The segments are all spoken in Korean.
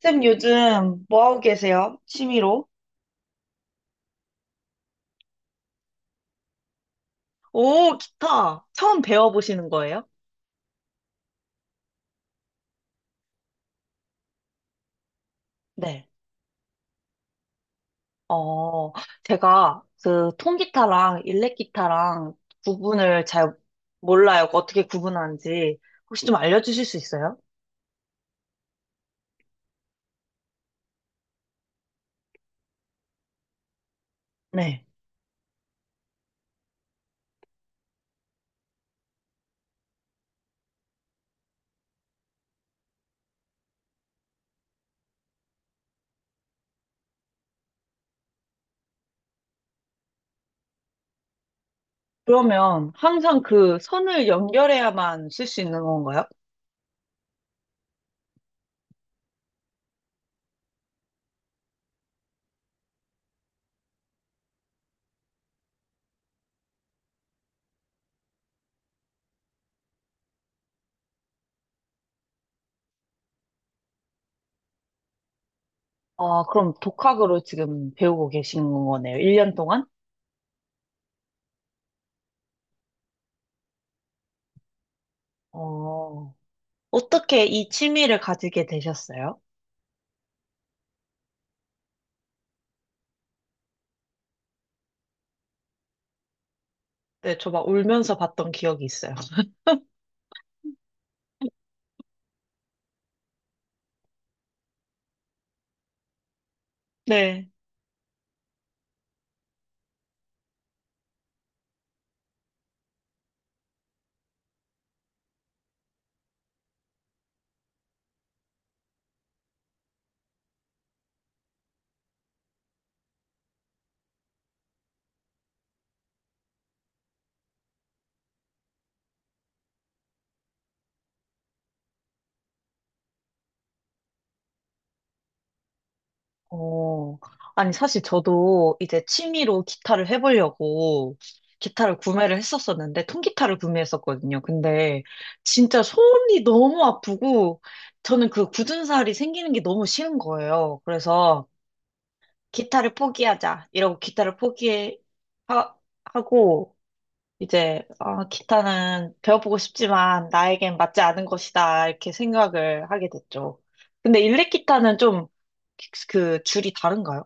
쌤 요즘 뭐 하고 계세요? 취미로? 오, 기타. 처음 배워보시는 거예요? 네. 어, 제가 그 통기타랑 일렉기타랑 구분을 잘 몰라요. 어떻게 구분하는지. 혹시 좀 알려주실 수 있어요? 네. 그러면 항상 그 선을 연결해야만 쓸 수 있는 건가요? 아, 그럼 독학으로 지금 배우고 계신 거네요. 1년 동안? 어, 어떻게 이 취미를 가지게 되셨어요? 네, 저 막 울면서 봤던 기억이 있어요. 네. 어, 아니, 사실 저도 이제 취미로 기타를 해보려고 기타를 구매를 했었었는데, 통기타를 구매했었거든요. 근데 진짜 손이 너무 아프고, 저는 그 굳은 살이 생기는 게 너무 싫은 거예요. 그래서 기타를 포기하자. 이러고 기타를 포기하고, 이제 기타는 배워보고 싶지만 나에겐 맞지 않은 것이다 이렇게 생각을 하게 됐죠. 근데 일렉 기타는 좀 그 줄이 다른가요?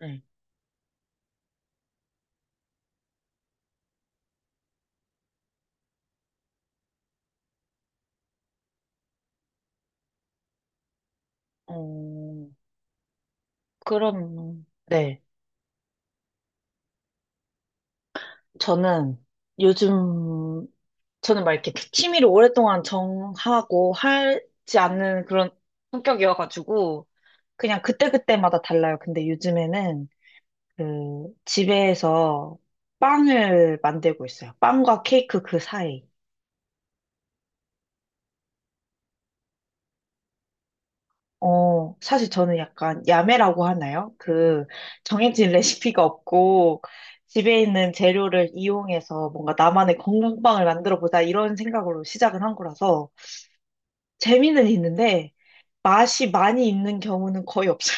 네. 어, 그럼, 네, 저는 요즘 저는 막 이렇게 취미를 오랫동안 정하고 하지 않는 그런 성격이어가지고 그냥 그때그때마다 달라요. 근데 요즘에는 그 집에서 빵을 만들고 있어요. 빵과 케이크 그 사이. 사실 저는 약간 야매라고 하나요? 정해진 레시피가 없고, 집에 있는 재료를 이용해서 뭔가 나만의 건강빵을 만들어 보자, 이런 생각으로 시작을 한 거라서, 재미는 있는데, 맛이 많이 있는 경우는 거의 없어요.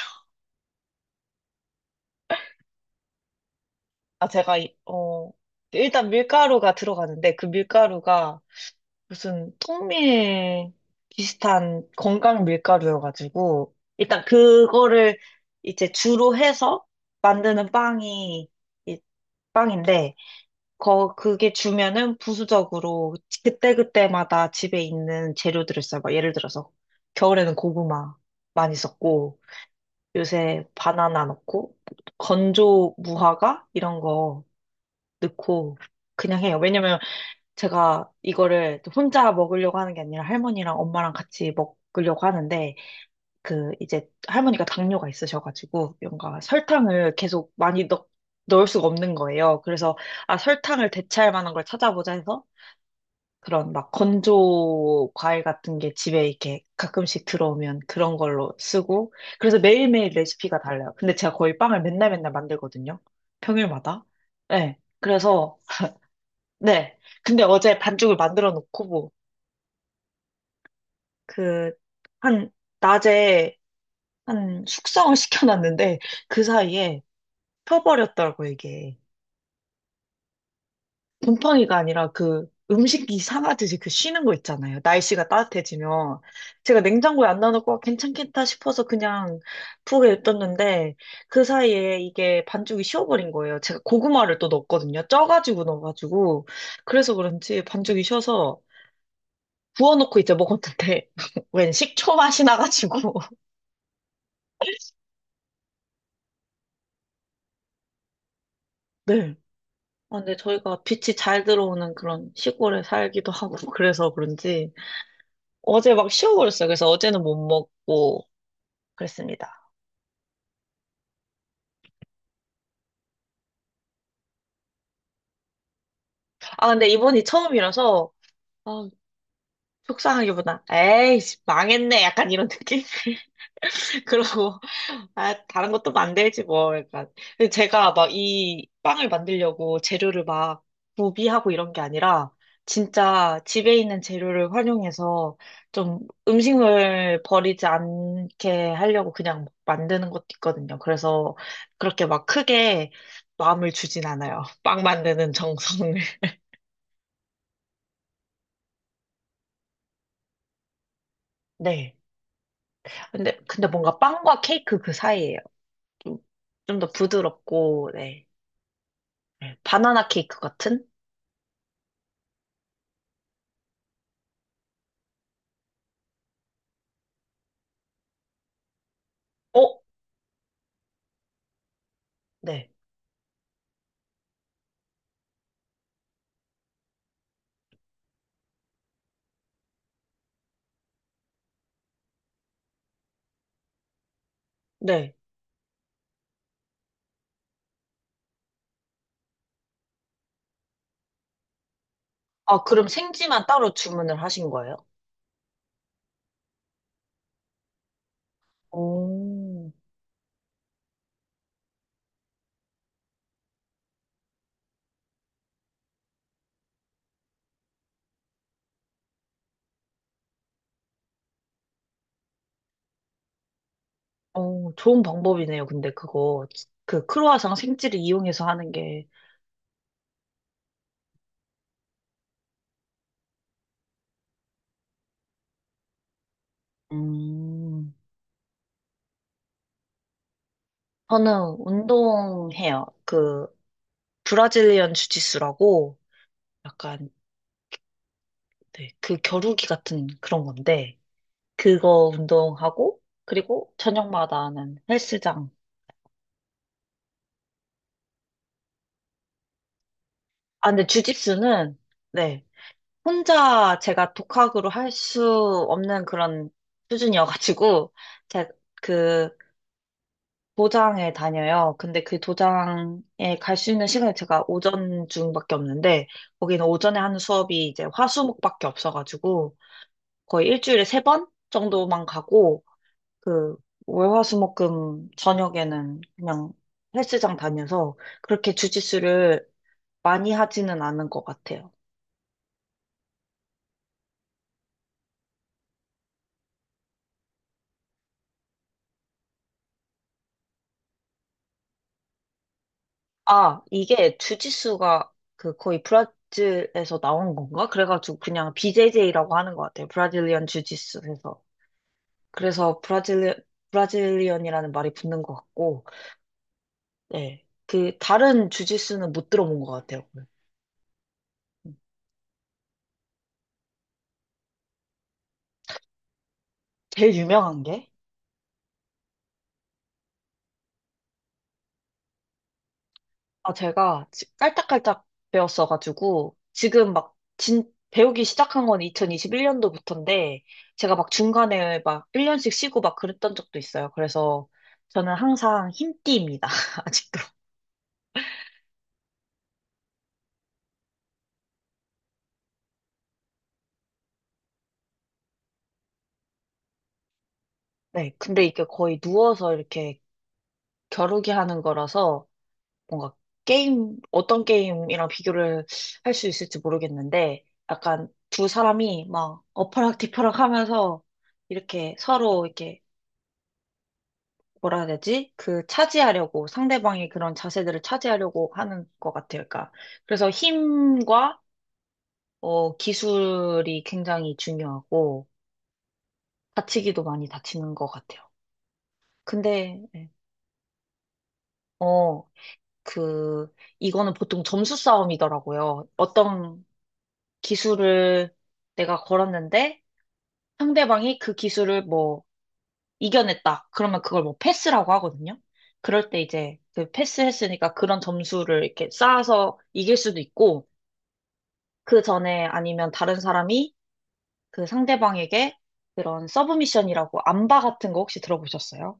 아, 일단 밀가루가 들어가는데, 그 밀가루가 무슨 통밀 비슷한 건강 밀가루여가지고 일단 그거를 이제 주로 해서 만드는 빵이 이 빵인데 거 그게 주면은 부수적으로 그때그때마다 집에 있는 재료들을 써요. 막 예를 들어서 겨울에는 고구마 많이 썼고 요새 바나나 넣고 건조 무화과 이런 거 넣고 그냥 해요. 왜냐면 제가 이거를 또 혼자 먹으려고 하는 게 아니라 할머니랑 엄마랑 같이 먹으려고 하는데 그 이제 할머니가 당뇨가 있으셔가지고 뭔가 설탕을 계속 많이 넣을 수가 없는 거예요. 그래서 설탕을 대체할 만한 걸 찾아보자 해서 그런 막 건조 과일 같은 게 집에 이렇게 가끔씩 들어오면 그런 걸로 쓰고 그래서 매일매일 레시피가 달라요. 근데 제가 거의 빵을 맨날 맨날 만들거든요. 평일마다. 네. 그래서 네. 근데 어제 반죽을 만들어 놓고 그, 한, 낮에 한 숙성을 시켜놨는데 그 사이에 펴버렸더라고, 이게. 곰팡이가 아니라 그 음식이 상하듯이 그 쉬는 거 있잖아요. 날씨가 따뜻해지면. 제가 냉장고에 안 넣어놓고 아, 괜찮겠다 싶어서 그냥 푹에 냅뒀는데 그 사이에 이게 반죽이 쉬어버린 거예요. 제가 고구마를 또 넣었거든요. 쪄가지고 넣어가지고. 그래서 그런지 반죽이 쉬어서 부어놓고 이제 먹었는데 웬 식초 맛이 나가지고. 네. 아, 근데 저희가 빛이 잘 들어오는 그런 시골에 살기도 하고 그래서 그런지 어제 막 쉬어버렸어요. 그래서 어제는 못 먹고 그랬습니다. 아, 근데 이번이 처음이라서 아, 속상하기보다 에이, 씨, 망했네. 약간 이런 느낌? 그러고 아, 다른 것도 만들지 뭐. 약간. 근데 제가 막 이 빵을 만들려고 재료를 막 구비하고 이런 게 아니라 진짜 집에 있는 재료를 활용해서 좀 음식물 버리지 않게 하려고 그냥 막 만드는 것도 있거든요. 그래서 그렇게 막 크게 마음을 주진 않아요. 빵 만드는 정성을. 네. 근데 뭔가 빵과 케이크 그 사이예요. 좀, 좀 더 부드럽고, 네. 바나나 케이크 같은? 어? 네. 네. 아, 그럼 생지만 따로 주문을 하신 거예요? 오, 오, 좋은 방법이네요. 근데 그거, 그 크로와상 생지를 이용해서 하는 게. 음. 저는 운동해요. 그 브라질리언 주짓수라고 약간 네, 그 겨루기 같은 그런 건데 그거 운동하고 그리고 저녁마다는 헬스장. 아, 근데 주짓수는 네, 혼자 제가 독학으로 할 수 없는 그런 수준이어가지고, 제가 그 도장에 다녀요. 근데 그 도장에 갈 수 있는 시간이 제가 오전 중밖에 없는데, 거기는 오전에 하는 수업이 이제 화수목밖에 없어가지고, 거의 일주일에 3번 정도만 가고, 그 월화수목금 저녁에는 그냥 헬스장 다녀서 그렇게 주짓수를 많이 하지는 않은 것 같아요. 아, 이게 주짓수가 그 거의 브라질에서 나온 건가? 그래가지고 그냥 BJJ라고 하는 것 같아요. 브라질리언 주짓수에서. 그래서 브라질리언이라는 말이 붙는 것 같고, 네. 다른 주짓수는 못 들어본 것 같아요. 음. 제일 유명한 게? 아, 제가 깔짝깔짝 배웠어가지고, 지금 막 배우기 시작한 건 2021년도부터인데, 제가 막 중간에 막 1년씩 쉬고 막 그랬던 적도 있어요. 그래서 저는 항상 흰띠입니다. 아직도. 네. 근데 이게 거의 누워서 이렇게 겨루기 하는 거라서, 뭔가 게임, 어떤 게임이랑 비교를 할 수 있을지 모르겠는데, 약간 두 사람이 막 어퍼락 뒤퍼락 하면서 이렇게 서로 이렇게 뭐라 해야 되지? 그 차지하려고 상대방의 그런 자세들을 차지하려고 하는 것 같아요. 그러니까 그래서 힘과 기술이 굉장히 중요하고 다치기도 많이 다치는 것 같아요. 근데 네. 어, 그 이거는 보통 점수 싸움이더라고요. 어떤 기술을 내가 걸었는데 상대방이 그 기술을 뭐 이겨냈다. 그러면 그걸 뭐 패스라고 하거든요. 그럴 때 이제 그 패스했으니까 그런 점수를 이렇게 쌓아서 이길 수도 있고, 그 전에 아니면 다른 사람이 그 상대방에게 그런 서브미션이라고 안바 같은 거 혹시 들어보셨어요?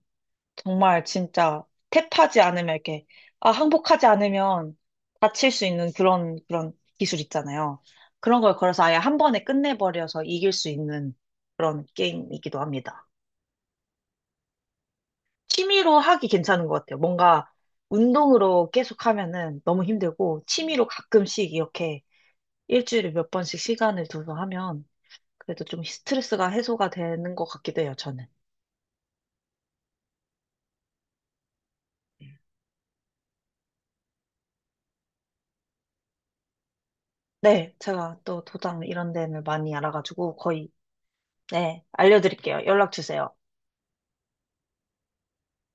정말 진짜 탭하지 않으면 이렇게, 아, 항복하지 않으면 다칠 수 있는 그런 기술 있잖아요. 그런 걸 걸어서 아예 한 번에 끝내버려서 이길 수 있는 그런 게임이기도 합니다. 취미로 하기 괜찮은 것 같아요. 뭔가 운동으로 계속 하면은 너무 힘들고, 취미로 가끔씩 이렇게 일주일에 몇 번씩 시간을 둬서 하면 그래도 좀 스트레스가 해소가 되는 것 같기도 해요, 저는. 네, 제가 또 도장 이런 데는 많이 알아가지고 거의, 네, 알려드릴게요. 연락 주세요.